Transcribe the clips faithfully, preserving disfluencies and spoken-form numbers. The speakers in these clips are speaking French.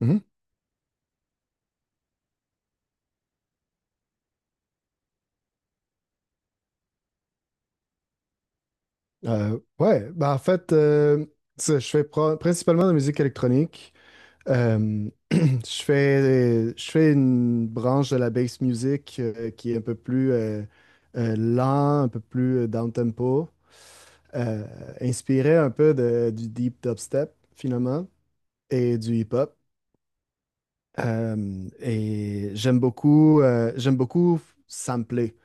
Mhm. Euh, ouais, ben en fait, euh, ça, je fais pro- principalement de la musique électronique. Euh, je fais, je fais une branche de la bass music euh, qui est un peu plus euh, euh, lent, un peu plus euh, down-tempo, euh, inspiré un peu de- du deep dubstep finalement et du hip-hop. Euh, et j'aime beaucoup, euh, j'aime beaucoup sampler.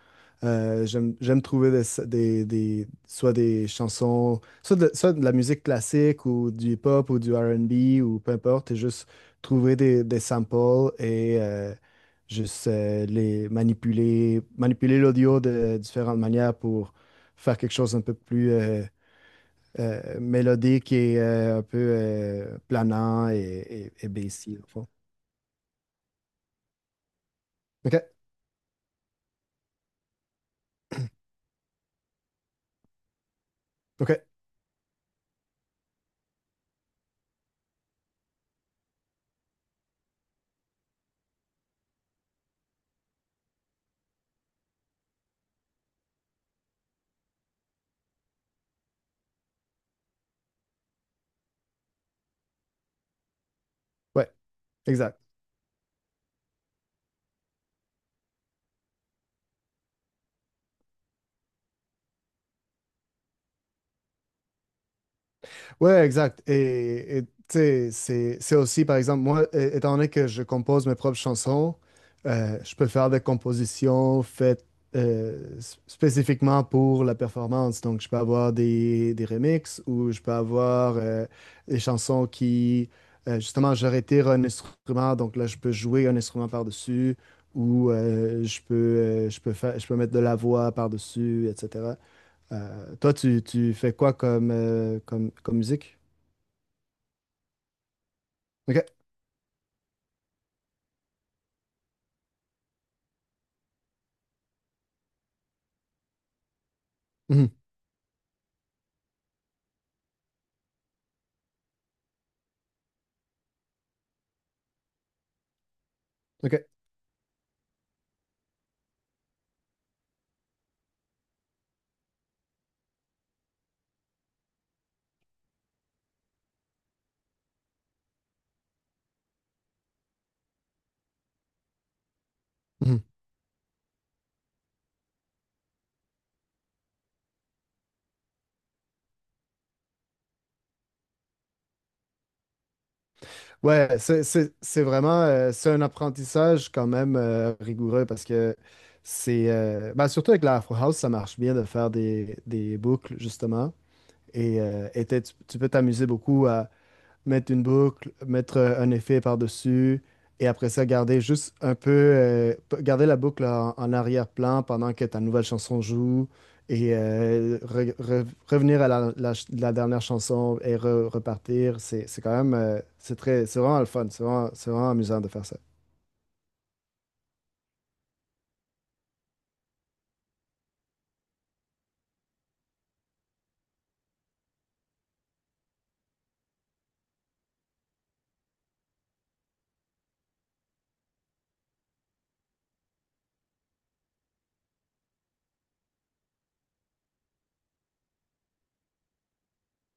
Euh, j'aime, j'aime trouver des, des- des- soit des chansons, soit de, soit de la musique classique ou du hip-hop ou du R et B ou peu importe, et juste trouver des, des samples et euh, juste euh, les manipuler, manipuler l'audio de différentes manières pour faire quelque chose un peu plus euh, euh, mélodique et euh, un peu euh, planant et, et, et bassy, au fond. OK, OK, ouais, exact. Ouais, exact. Et, et, tu sais, c'est, c'est aussi, par exemple, moi, é- étant donné que je compose mes propres chansons, euh, je peux faire des compositions faites euh, s- spécifiquement pour la performance. Donc, je peux avoir des, des remixes ou je peux avoir euh, des chansons qui, euh, justement, je retire un instrument. Donc là, je peux jouer un instrument par-dessus ou euh, je peux, euh, je peux faire, je peux mettre de la voix par-dessus, et cetera. Euh, toi, tu, tu fais quoi comme, euh, comme, comme musique? OK. Mhm. OK. Mhm. Ouais, c'est c'est- c'est vraiment euh, c'est un apprentissage quand même euh, rigoureux parce que c'est euh, ben, surtout avec la Afro House, ça marche bien de faire des, des boucles justement. Et, euh, et t'es- tu, tu peux t'amuser beaucoup mettre une boucle, mettre euh, un effet par-dessus, et après ça, garder juste un peu, euh, p- garder la boucle en, en arrière-plan pendant que ta nouvelle chanson joue, et euh, re- re- revenir à la, la ch- la dernière chanson et re- repartir. C'est, c'est quand même, euh, c'est très, c'est vraiment le fun, c'est vraiment, c'est vraiment amusant de faire ça.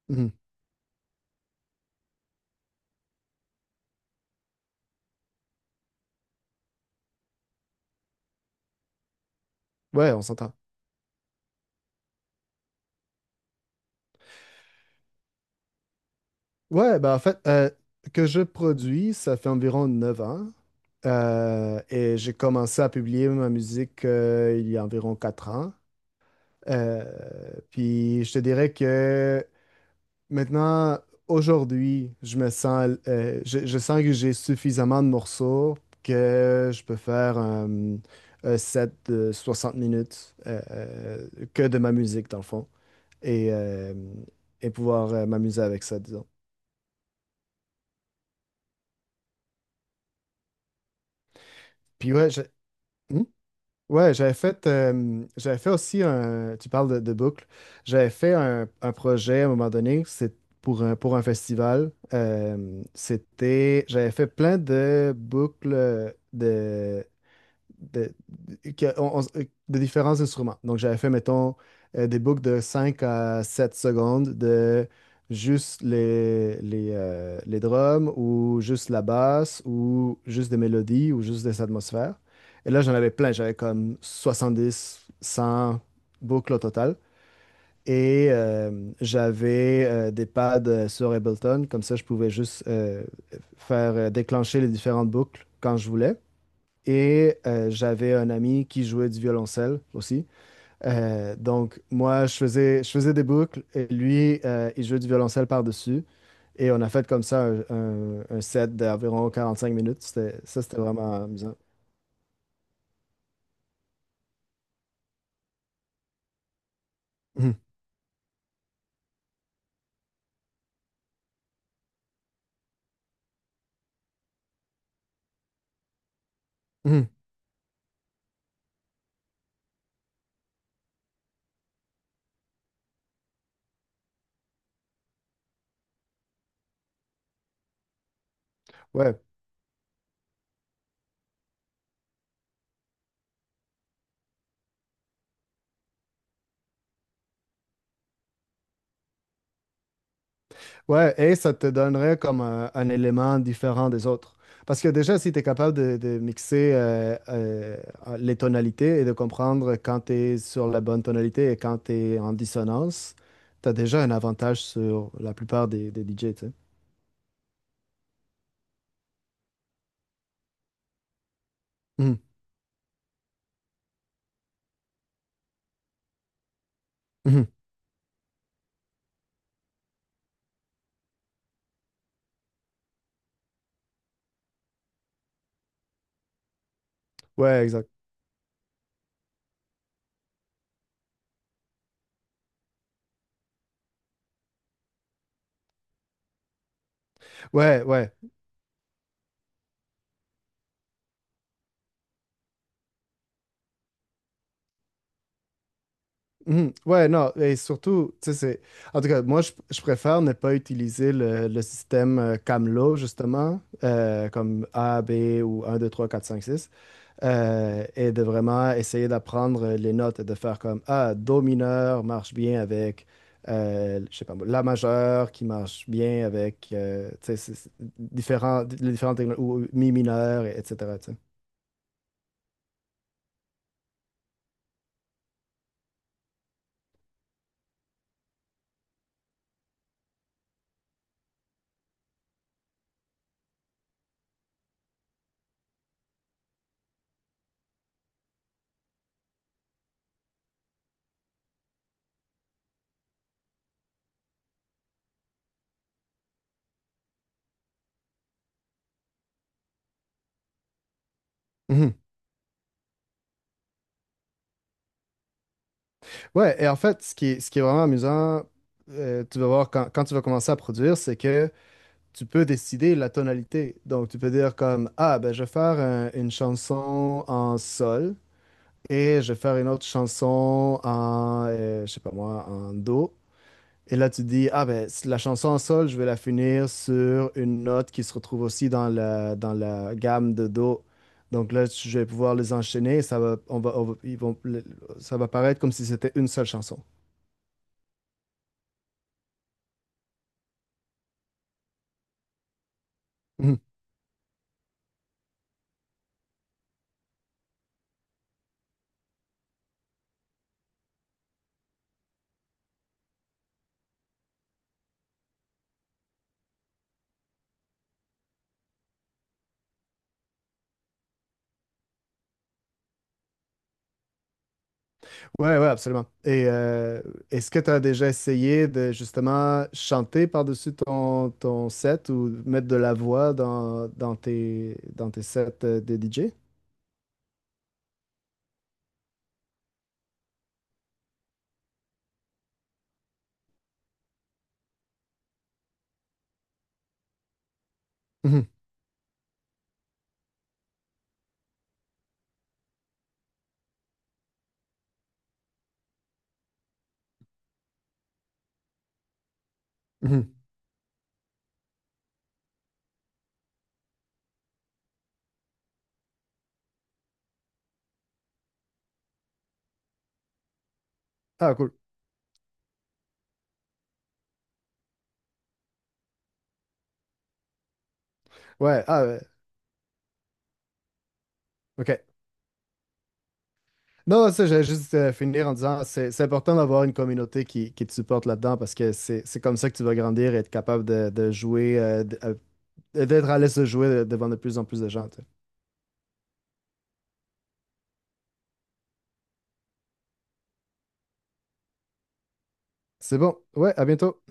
Mhm. Ouais, on s'entend. Ouais, bah en fait, euh, que je produis, ça fait environ neuf ans. Euh, et j'ai commencé à publier ma musique euh, il y a environ quatre ans. Euh, puis je te dirais que maintenant, aujourd'hui, je me sens, euh, je, je sens que j'ai suffisamment de morceaux que je peux faire euh, un set de soixante minutes euh, euh, que de ma musique, dans le fond, et, euh, et pouvoir euh, m'amuser avec ça, disons. Puis ouais, je... Hmm? Ouais, j'avais fait, euh, j'avais fait aussi un. Tu parles de, de boucle. J'avais fait un, un projet à un moment donné, c'est pour un, pour un festival. Euh, c'était, j'avais fait plein de boucles de, de, que- on- on- de différents instruments. Donc, j'avais fait, mettons, euh, des boucles de cinq à sept secondes de juste les, les, euh, les drums ou juste la basse ou juste des mélodies ou juste des atmosphères. Et là, j'en avais plein. J'avais comme soixante-dix, cent boucles au total. Et euh, j'avais euh, des pads euh, sur Ableton. Comme ça, je pouvais juste euh, faire euh, déclencher les différentes boucles quand je voulais. Et euh, j'avais un ami qui jouait du violoncelle aussi. Euh, donc, moi, je faisais, je faisais des boucles et lui, euh, il jouait du violoncelle par-dessus. Et on a fait comme ça un, un- un set d'environ quarante-cinq minutes. C'était- ça, c'était vraiment amusant. Mhm. Mhm. Ouais. Ouais, et ça te donnerait comme un, un élément différent des autres. Parce que déjà, si tu es capable de, de mixer euh, euh, les tonalités et de comprendre quand tu es sur la bonne tonalité et quand tu es en dissonance, tu as déjà un avantage sur la plupart des, des D J, tu sais. Mhm, mhm. Ouais, exact. Ouais, ouais. Mhm. Ouais, non, et surtout, tu sais, c'est... En tout cas, moi, je, je préfère ne pas utiliser le, le système euh, Camlo, justement, euh, comme A, B ou un deux trois quatre cinq six euh, et de vraiment essayer d'apprendre les notes et de faire comme, ah, Do mineur marche bien avec, euh, je sais pas, moi, La majeure qui marche bien avec, euh, tu sais, c'est- c'est différents, les différentes techno- ou Mi mineur, et- etc., tu sais. Ouais, et en fait, ce qui est, ce qui est vraiment amusant, euh, tu vas voir quand, quand tu vas commencer à produire, c'est que tu peux décider la tonalité. Donc, tu peux dire comme, ah, ben, je vais faire un- une chanson en sol et je vais faire une autre chanson en, euh, je sais pas moi, en do. Et là, tu dis, ah, ben, c- la chanson en sol, je vais la finir sur une note qui se retrouve aussi dans la, dans la gamme de do. Donc là, tu- je vais pouvoir les enchaîner. Ça va, on va, on va- ils vont, le- ça va paraître comme si c'était une seule chanson. Ouais, ouais, absolument. Et euh, est-ce que tu as déjà essayé de justement chanter par-dessus ton, ton set ou mettre de la voix dans, dans tes, dans tes sets euh, de D J? Mhm, mhm. Ah, cool. Ouais, ah, ouais, ok. Non, ça, j'allais juste euh, finir en disant, c'est, c'est important d'avoir une communauté qui, qui te supporte là-dedans parce que c'est, c'est comme ça que tu vas grandir et être capable de, de jouer, euh, d- euh, d'être à l'aise de jouer euh, devant de plus en plus de gens. Tu sais. C'est bon. Ouais, à bientôt.